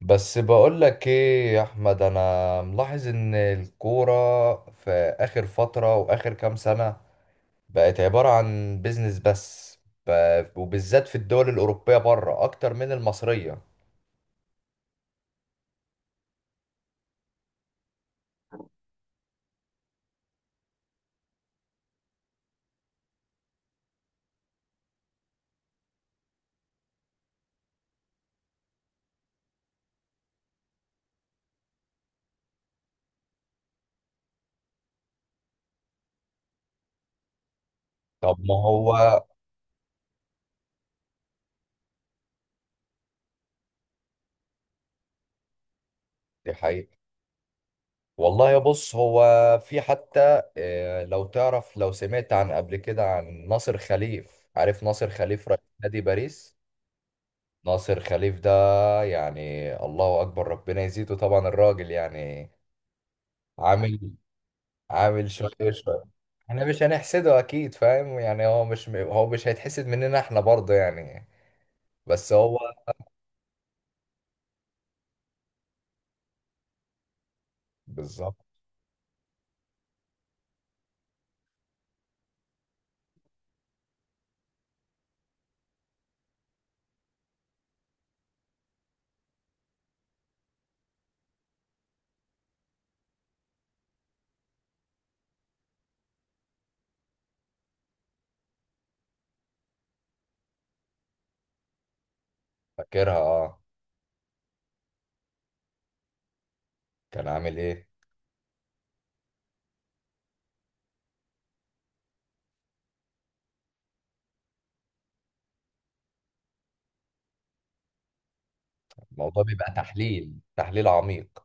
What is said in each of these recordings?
بس بقولك ايه يا احمد، انا ملاحظ ان الكورة في اخر فترة واخر كام سنة بقت عبارة عن بيزنس بس. وبالذات في الدول الاوروبية بره اكتر من المصرية. طب ما هو دي حقيقة. والله يا بص، هو في حتى لو تعرف، لو سمعت عن قبل كده عن ناصر خليف. عارف ناصر خليف رئيس نادي باريس؟ ناصر خليف ده يعني الله اكبر، ربنا يزيده طبعا. الراجل يعني عامل عامل شوية شوية. احنا مش هنحسده اكيد، فاهم؟ يعني هو مش هيتحسد مننا احنا برضه يعني. بس هو بالظبط. فاكرها اه. كان عامل ايه؟ الموضوع بيبقى تحليل عميق.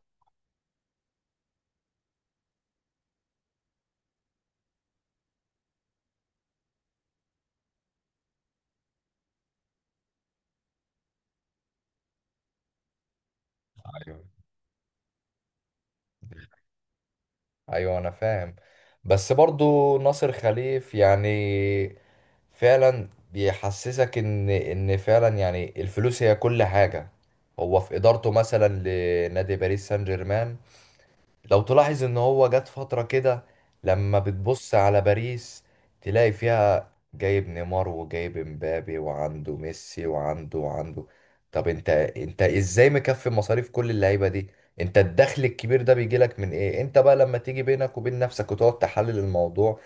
ايوه، ايوه انا فاهم. بس برضه ناصر خليف يعني فعلا بيحسسك ان فعلا يعني الفلوس هي كل حاجة. هو في ادارته مثلا لنادي باريس سان جيرمان، لو تلاحظ ان هو جت فترة كده، لما بتبص على باريس تلاقي فيها جايب نيمار وجايب امبابي وعنده ميسي وعنده وعنده. طب انت ازاي مكفي مصاريف كل اللعيبة دي؟ انت الدخل الكبير ده بيجيلك من ايه؟ انت بقى لما تيجي بينك وبين نفسك وتقعد تحلل الموضوع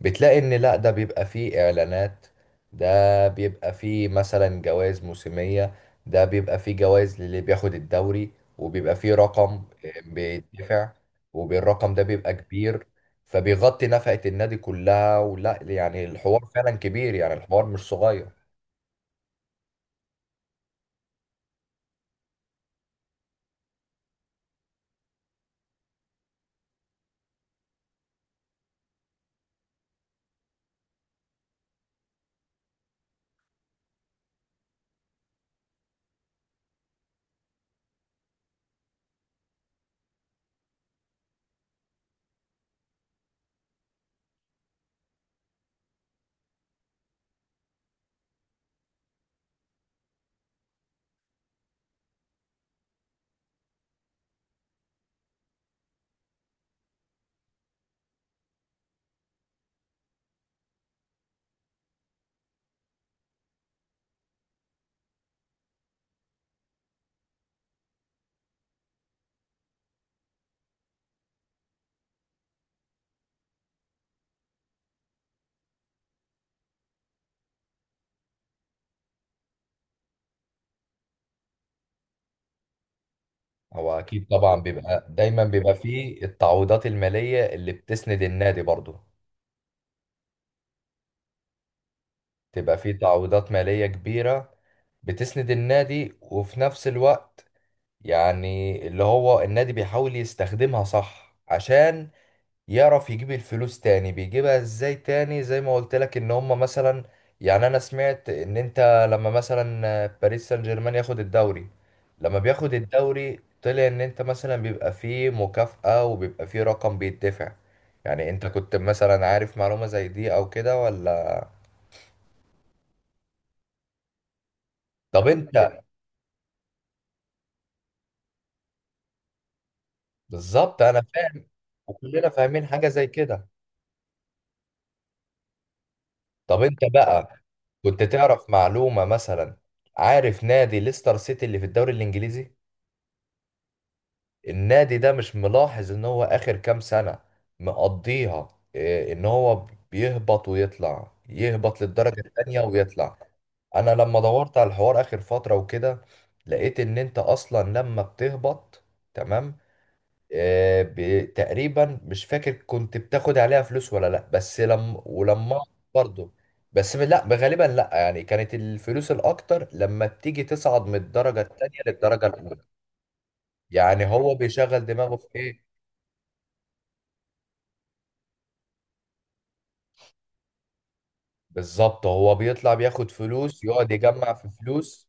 بتلاقي ان لا، ده بيبقى فيه اعلانات، ده بيبقى فيه مثلا جوائز موسمية، ده بيبقى فيه جوائز للي بياخد الدوري، وبيبقى فيه رقم بيدفع. والرقم ده بيبقى كبير. فبيغطي نفقة النادي كلها، ولا يعني الحوار فعلا كبير، يعني الحوار مش صغير. هو أكيد طبعا بيبقى دايما بيبقى فيه التعويضات المالية اللي بتسند النادي برضو. تبقى فيه تعويضات مالية كبيرة بتسند النادي، وفي نفس الوقت يعني اللي هو النادي بيحاول يستخدمها صح عشان يعرف يجيب الفلوس تاني. بيجيبها ازاي تاني؟ زي ما قلت لك ان هم مثلا، يعني انا سمعت ان انت لما مثلا باريس سان جيرمان ياخد الدوري، لما بياخد الدوري طلع ان انت مثلا بيبقى فيه مكافأة وبيبقى فيه رقم بيدفع. يعني انت كنت مثلا عارف معلومة زي دي او كده ولا؟ طب انت بالظبط انا فاهم. وكلنا فاهمين حاجة زي كده. طب انت بقى كنت تعرف معلومة مثلا؟ عارف نادي ليستر سيتي اللي في الدوري الانجليزي؟ النادي ده مش ملاحظ ان هو اخر كام سنة مقضيها ان هو بيهبط ويطلع، يهبط للدرجة التانية ويطلع. انا لما دورت على الحوار اخر فترة وكده لقيت ان انت اصلا لما بتهبط، تمام، تقريبا مش فاكر كنت بتاخد عليها فلوس ولا لا، بس لما برضه، بس لا غالبا لا، يعني كانت الفلوس الاكتر لما بتيجي تصعد من الدرجة التانية للدرجة الاولى. يعني هو بيشغل دماغه في ايه؟ بالظبط، هو بيطلع بياخد فلوس، يقعد يجمع في فلوس،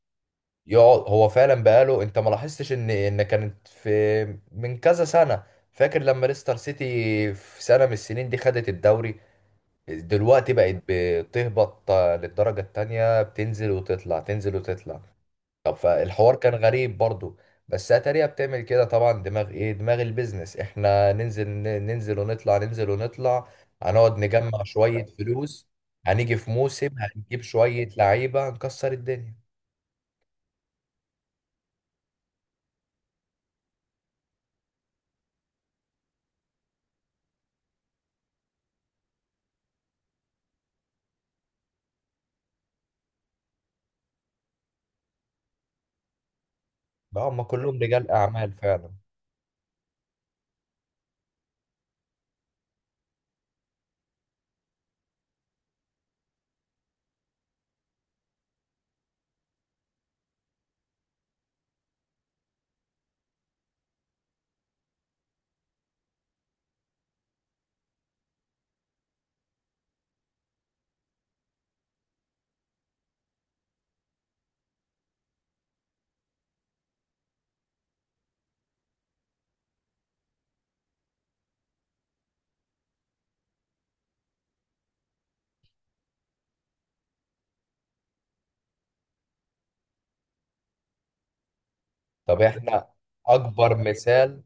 يقعد. هو فعلا بقاله، انت ما لاحظتش ان ان كانت في من كذا سنة، فاكر لما ليستر سيتي في سنة من السنين دي خدت الدوري؟ دلوقتي بقت بتهبط للدرجة التانية، بتنزل وتطلع، تنزل وتطلع. طب فالحوار كان غريب برضو. بس اتاريا بتعمل كده طبعا. دماغ ايه؟ دماغ البيزنس. احنا ننزل ننزل ونطلع، ننزل ونطلع، هنقعد نجمع شوية فلوس، هنيجي في موسم هنجيب شوية لعيبة هنكسر الدنيا. بقى هم كلهم رجال اعمال فعلا. طب احنا اكبر مثال.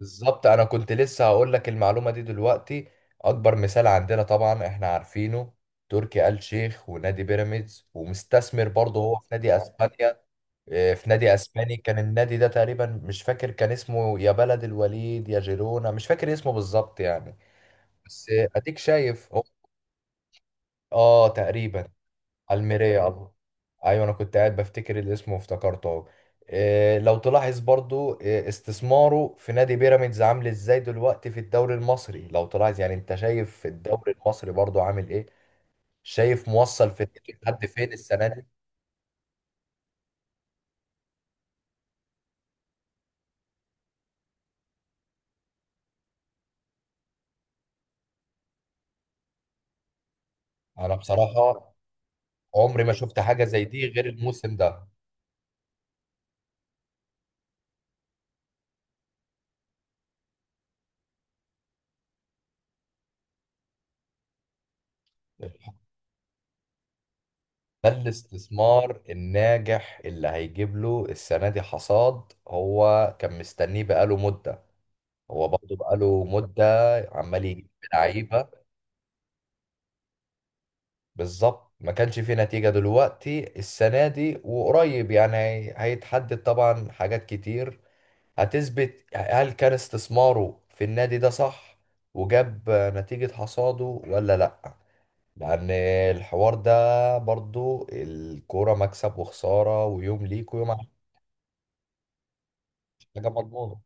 بالظبط انا كنت لسه هقول لك المعلومة دي دلوقتي. اكبر مثال عندنا طبعا احنا عارفينه، تركي آل شيخ ونادي بيراميدز، ومستثمر برضه هو في نادي اسبانيا. في نادي اسباني كان، النادي ده تقريبا مش فاكر كان اسمه، يا بلد الوليد يا جيرونا، مش فاكر اسمه بالظبط يعني. بس اديك شايف هو. اه تقريبا. الميريا، الله، ايوه انا كنت قاعد بفتكر الاسم وافتكرته اهو. لو تلاحظ برضو استثماره في نادي بيراميدز عامل ازاي دلوقتي في الدوري المصري. لو تلاحظ يعني انت شايف الدوري المصري برضو عامل ايه، شايف موصل في، لحد فين السنة دي؟ انا بصراحة عمري ما شفت حاجة زي دي غير الموسم ده. ده الاستثمار الناجح اللي هيجيب له السنة دي حصاد. هو كان مستنيه بقاله مدة، هو برضه بقاله مدة عمال يجيب لعيبة. بالظبط، ما كانش فيه نتيجة. دلوقتي السنة دي وقريب يعني هيتحدد طبعا حاجات كتير. هتثبت هل كان استثماره في النادي ده صح وجاب نتيجة حصاده ولا لأ. لأن الحوار ده برضو الكورة مكسب وخسارة، ويوم ليك ويوم. حاجه مضمونه.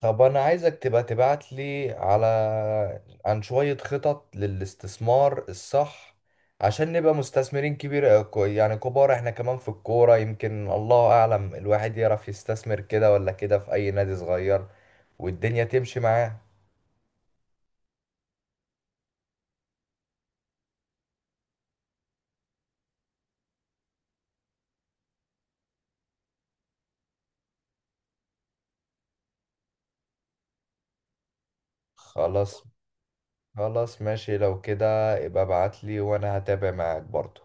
طب انا عايزك تبقى تبعت لي على، عن شوية خطط للاستثمار الصح، عشان نبقى مستثمرين كبير يعني كبار احنا كمان في الكورة. يمكن الله اعلم الواحد يعرف يستثمر كده ولا كده في اي نادي صغير والدنيا تمشي معاه. خلاص. خلاص ماشي لو كده، ابقى ابعت لي وانا هتابع معاك برضه.